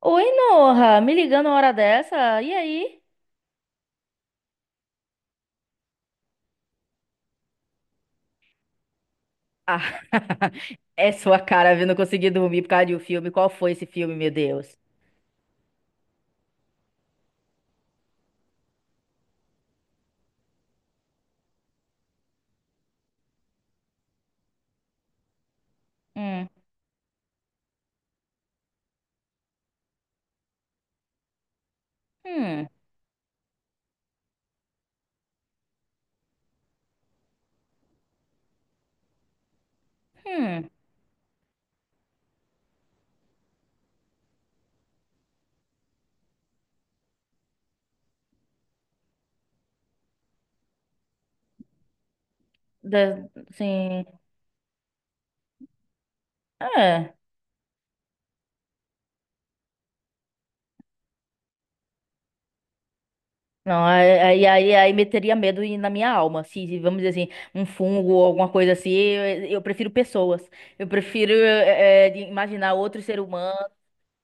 Oi, Noha, me ligando uma hora dessa. E aí? Ah, é sua cara, viu? Não consegui dormir por causa de um filme. Qual foi esse filme, meu Deus? Hum, hum, hum. Sim. É. Não, aí meteria medo na minha alma. Se, vamos dizer assim, um fungo ou alguma coisa assim, eu prefiro pessoas. Eu prefiro de imaginar outro ser humano.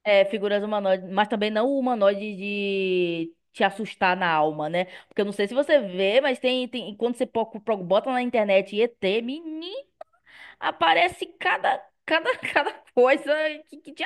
É, figuras humanoides, mas também não o humanoide de te assustar na alma, né? Porque eu não sei se você vê, mas tem quando você bota na internet ET, menino, aparece cada coisa que te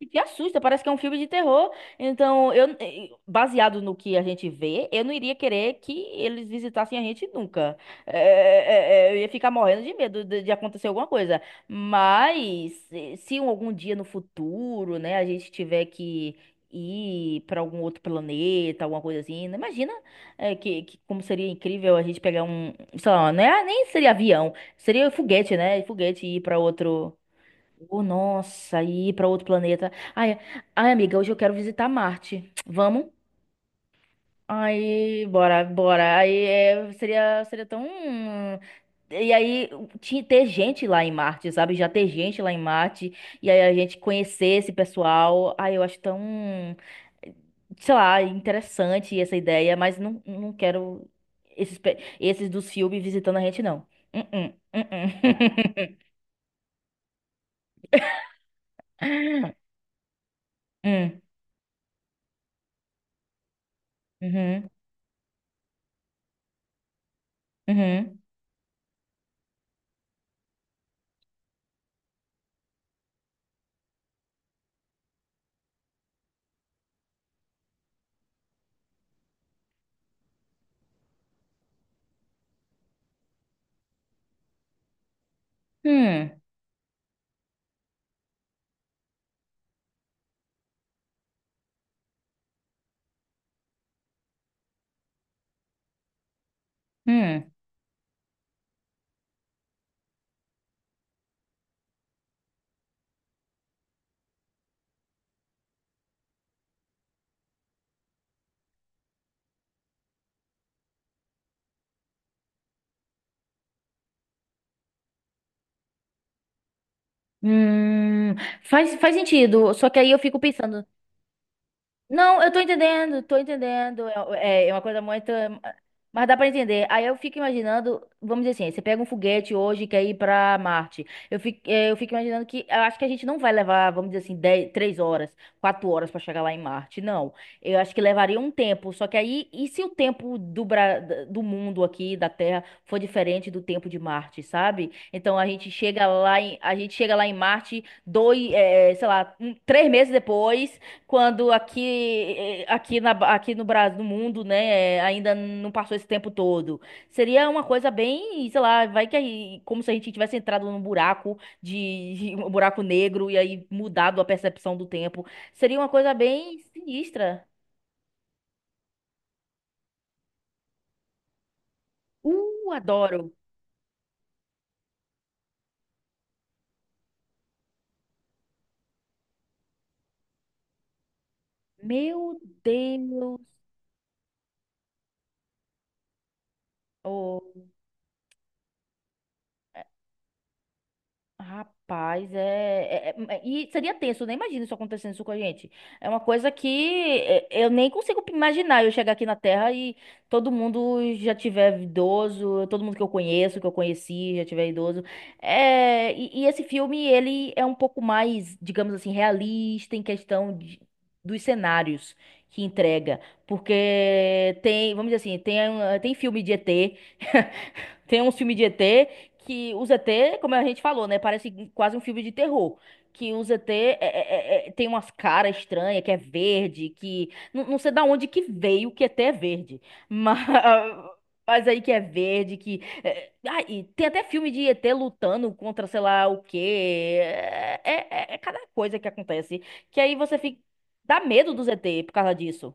e que assusta, parece que é um filme de terror. Então, baseado no que a gente vê, eu não iria querer que eles visitassem a gente nunca. É, eu ia ficar morrendo de medo de acontecer alguma coisa. Mas, se algum dia no futuro, né, a gente tiver que ir para algum outro planeta, alguma coisa assim, né, imagina, que como seria incrível a gente pegar um, sei lá, não é, nem seria avião, seria foguete, né? Foguete e ir para outro. Oh, nossa, e ir pra outro planeta. Ai, ai, amiga, hoje eu quero visitar Marte. Vamos? Aí, bora, bora. Aí é, seria tão. E aí, ter gente lá em Marte, sabe? Já ter gente lá em Marte. E aí a gente conhecer esse pessoal. Ai, eu acho tão. Sei lá, interessante essa ideia, mas não, não quero esses dos filmes visitando a gente, não. Uh-uh, uh-uh. Hum, uhum, uhum, hum, hum. Hum, faz sentido. Só que aí eu fico pensando, não, eu tô entendendo, tô entendendo. É, é uma coisa muito. Mas dá pra entender. Aí eu fico imaginando, vamos dizer assim, você pega um foguete hoje e quer ir pra Marte. Eu fico imaginando que eu acho que a gente não vai levar, vamos dizer assim, 10, 3 horas, 4 horas pra chegar lá em Marte. Não. Eu acho que levaria um tempo. Só que aí, e se o tempo do mundo aqui, da Terra, for diferente do tempo de Marte, sabe? Então a gente a gente chega lá em Marte, dois, sei lá, um, 3 meses depois. Quando aqui, eh, aqui, na, aqui no Brasil, no mundo, né, ainda não passou esse tempo todo. Seria uma coisa bem, sei lá, vai que aí, como se a gente tivesse entrado num um buraco negro e aí mudado a percepção do tempo. Seria uma coisa bem sinistra. Adoro. Meu Deus. Oh. Rapaz, E seria tenso, eu nem imagino isso acontecendo isso com a gente. É uma coisa eu nem consigo imaginar eu chegar aqui na Terra e todo mundo já tiver idoso, todo mundo que eu conheço, que eu conheci, já tiver idoso. É, e esse filme, ele é um pouco mais, digamos assim, realista em questão dos cenários que entrega. Porque tem, vamos dizer assim, tem filme de ET. Tem uns filmes de ET que os ET, como a gente falou, né? Parece quase um filme de terror. Que os ET tem umas caras estranhas, que é verde, que. Não, não sei da onde que veio que ET é verde. Mas, mas aí que é verde, que. Ah, e tem até filme de ET lutando contra sei lá o quê. É, cada coisa que acontece. Que aí você fica. Dá medo dos ET por causa disso.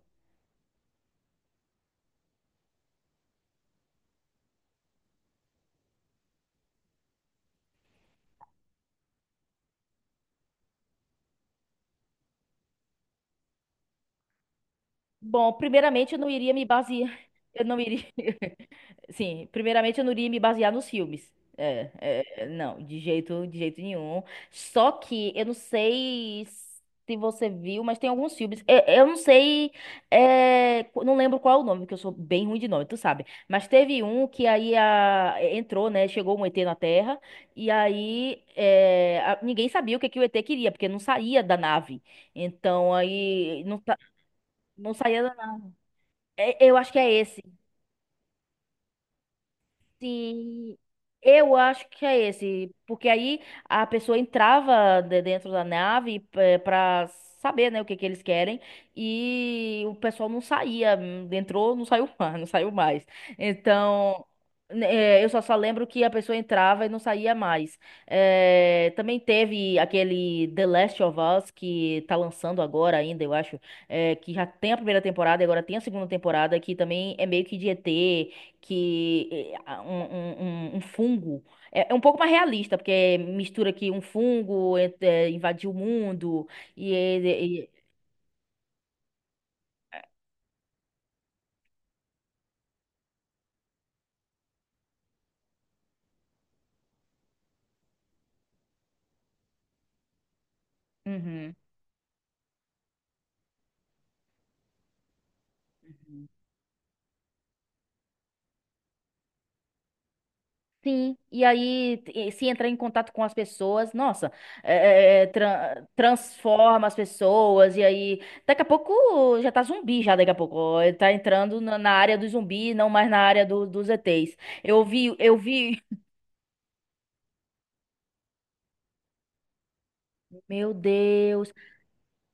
Bom, primeiramente eu não iria me basear. Eu não iria. Sim, primeiramente eu não iria me basear nos filmes. Não, de jeito nenhum. Só que eu não sei se você viu, mas tem alguns filmes. Eu não sei, não lembro qual é o nome, porque eu sou bem ruim de nome, tu sabe. Mas teve um que aí entrou, né? Chegou um ET na Terra, e aí ninguém sabia o que, que o ET queria, porque não saía da nave. Então aí não saía da nave. Eu acho que é esse. Sim, eu acho que é esse, porque aí a pessoa entrava dentro da nave para saber, né, o que que eles querem e o pessoal não saía, entrou, não saiu mais, não saiu mais. Então, né, eu só lembro que a pessoa entrava e não saía mais. Também teve aquele The Last of Us que tá lançando agora ainda, eu acho, que já tem a primeira temporada e agora tem a segunda temporada que também é meio que de ET que um, um, um fungo é um pouco mais realista, porque mistura que um fungo invadiu o mundo e ele. e- Uhum. Uhum. Sim, e aí se entrar em contato com as pessoas, nossa, transforma as pessoas, e aí daqui a pouco já tá zumbi, já daqui a pouco, ó, ele tá entrando na área do zumbi, não mais na área dos ETs. Eu vi, meu Deus.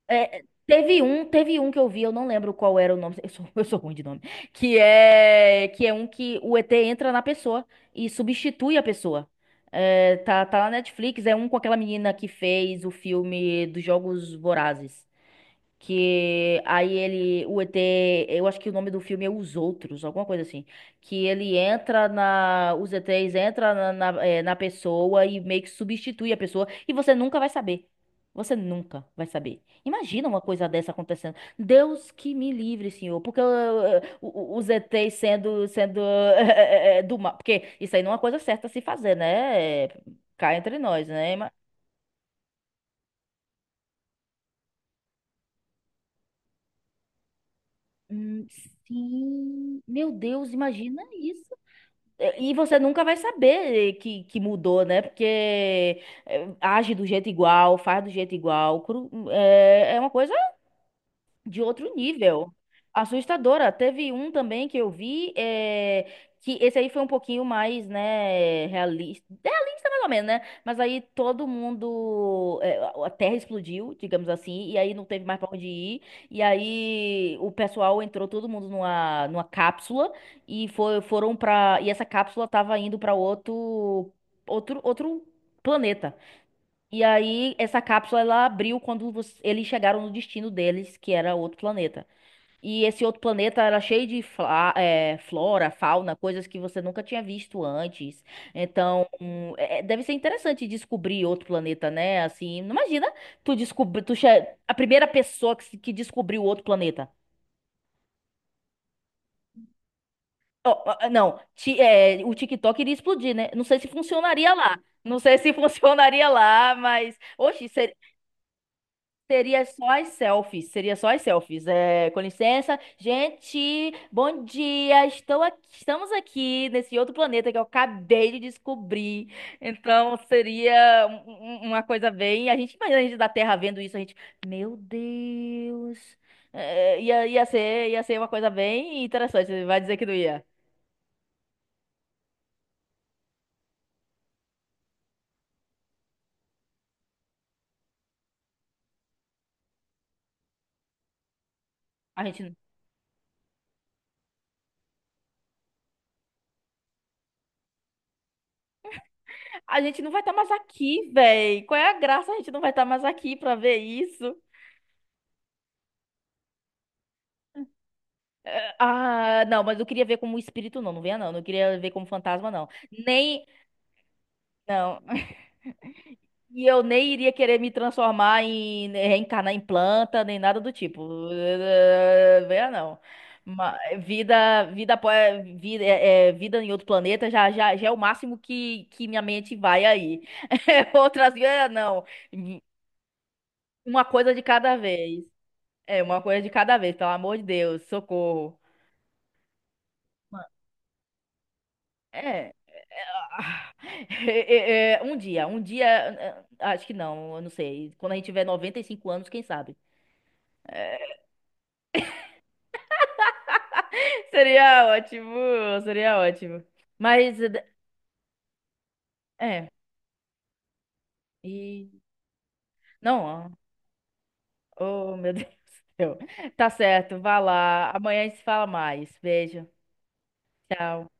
É, teve um que eu vi, eu não lembro qual era o nome, eu sou, eu sou ruim de nome, que é um que o ET entra na pessoa e substitui a pessoa. É, tá na Netflix, é um com aquela menina que fez o filme dos Jogos Vorazes. Que aí ele, o ET, eu acho que o nome do filme é Os Outros, alguma coisa assim. Que ele entra os ETs entra na pessoa e meio que substitui a pessoa e você nunca vai saber. Você nunca vai saber. Imagina uma coisa dessa acontecendo. Deus que me livre, senhor. Porque os ETs sendo, sendo do mal. Porque isso aí não é uma coisa certa a se fazer, né? Cá entre nós, né? Hum, sim, meu Deus, imagina isso. E você nunca vai saber que mudou, né? Porque age do jeito igual, faz do jeito igual. É, uma coisa de outro nível. Assustadora. Teve um também que eu vi, que esse aí foi um pouquinho mais, né, realista. Realista mais ou menos, né? Mas aí todo mundo, a terra explodiu, digamos assim, e aí não teve mais pra onde ir. E aí o pessoal entrou todo mundo numa cápsula e foi, foram pra. E essa cápsula tava indo pra outro planeta. E aí, essa cápsula ela abriu quando eles chegaram no destino deles, que era outro planeta. E esse outro planeta era cheio de flora, fauna, coisas que você nunca tinha visto antes. Então, deve ser interessante descobrir outro planeta, né? Assim, não imagina tu descobrir, a primeira pessoa que, se- que descobriu outro planeta. Ó, ó, ó, não, o TikTok iria explodir, né? Não sei se funcionaria lá. Não sei se funcionaria lá, mas. Oxe, seria só as selfies, seria só as selfies. É, com licença, gente, bom dia. Estamos aqui nesse outro planeta que eu acabei de descobrir. Então seria uma coisa bem. A gente imagina a gente da Terra vendo isso, a gente, meu Deus. É, ia ser uma coisa bem interessante. Você vai dizer que não ia. A gente, a gente não vai estar mais aqui, véi. Qual é a graça? A gente não vai estar mais aqui pra ver isso. É, ah, não, mas eu queria ver como espírito, não, não venha não, não queria ver como fantasma, não. Nem, não. E eu nem iria querer me transformar em, né, reencarnar em planta, nem nada do tipo. Venha não. Ma- vida, vida, apó- vida, é, é, vida em outro planeta já, é o máximo que minha mente vai aí. Outras, não. Uma coisa de cada vez. É, uma coisa de cada vez, pelo amor de Deus, socorro. Ma- É. Ah, um dia, acho que não, eu não sei. Quando a gente tiver 95 anos, quem sabe? Seria ótimo, seria ótimo. Mas, é, e... Não, ó. Oh, meu Deus do céu. Tá certo, vá lá. Amanhã a gente se fala mais. Beijo, tchau.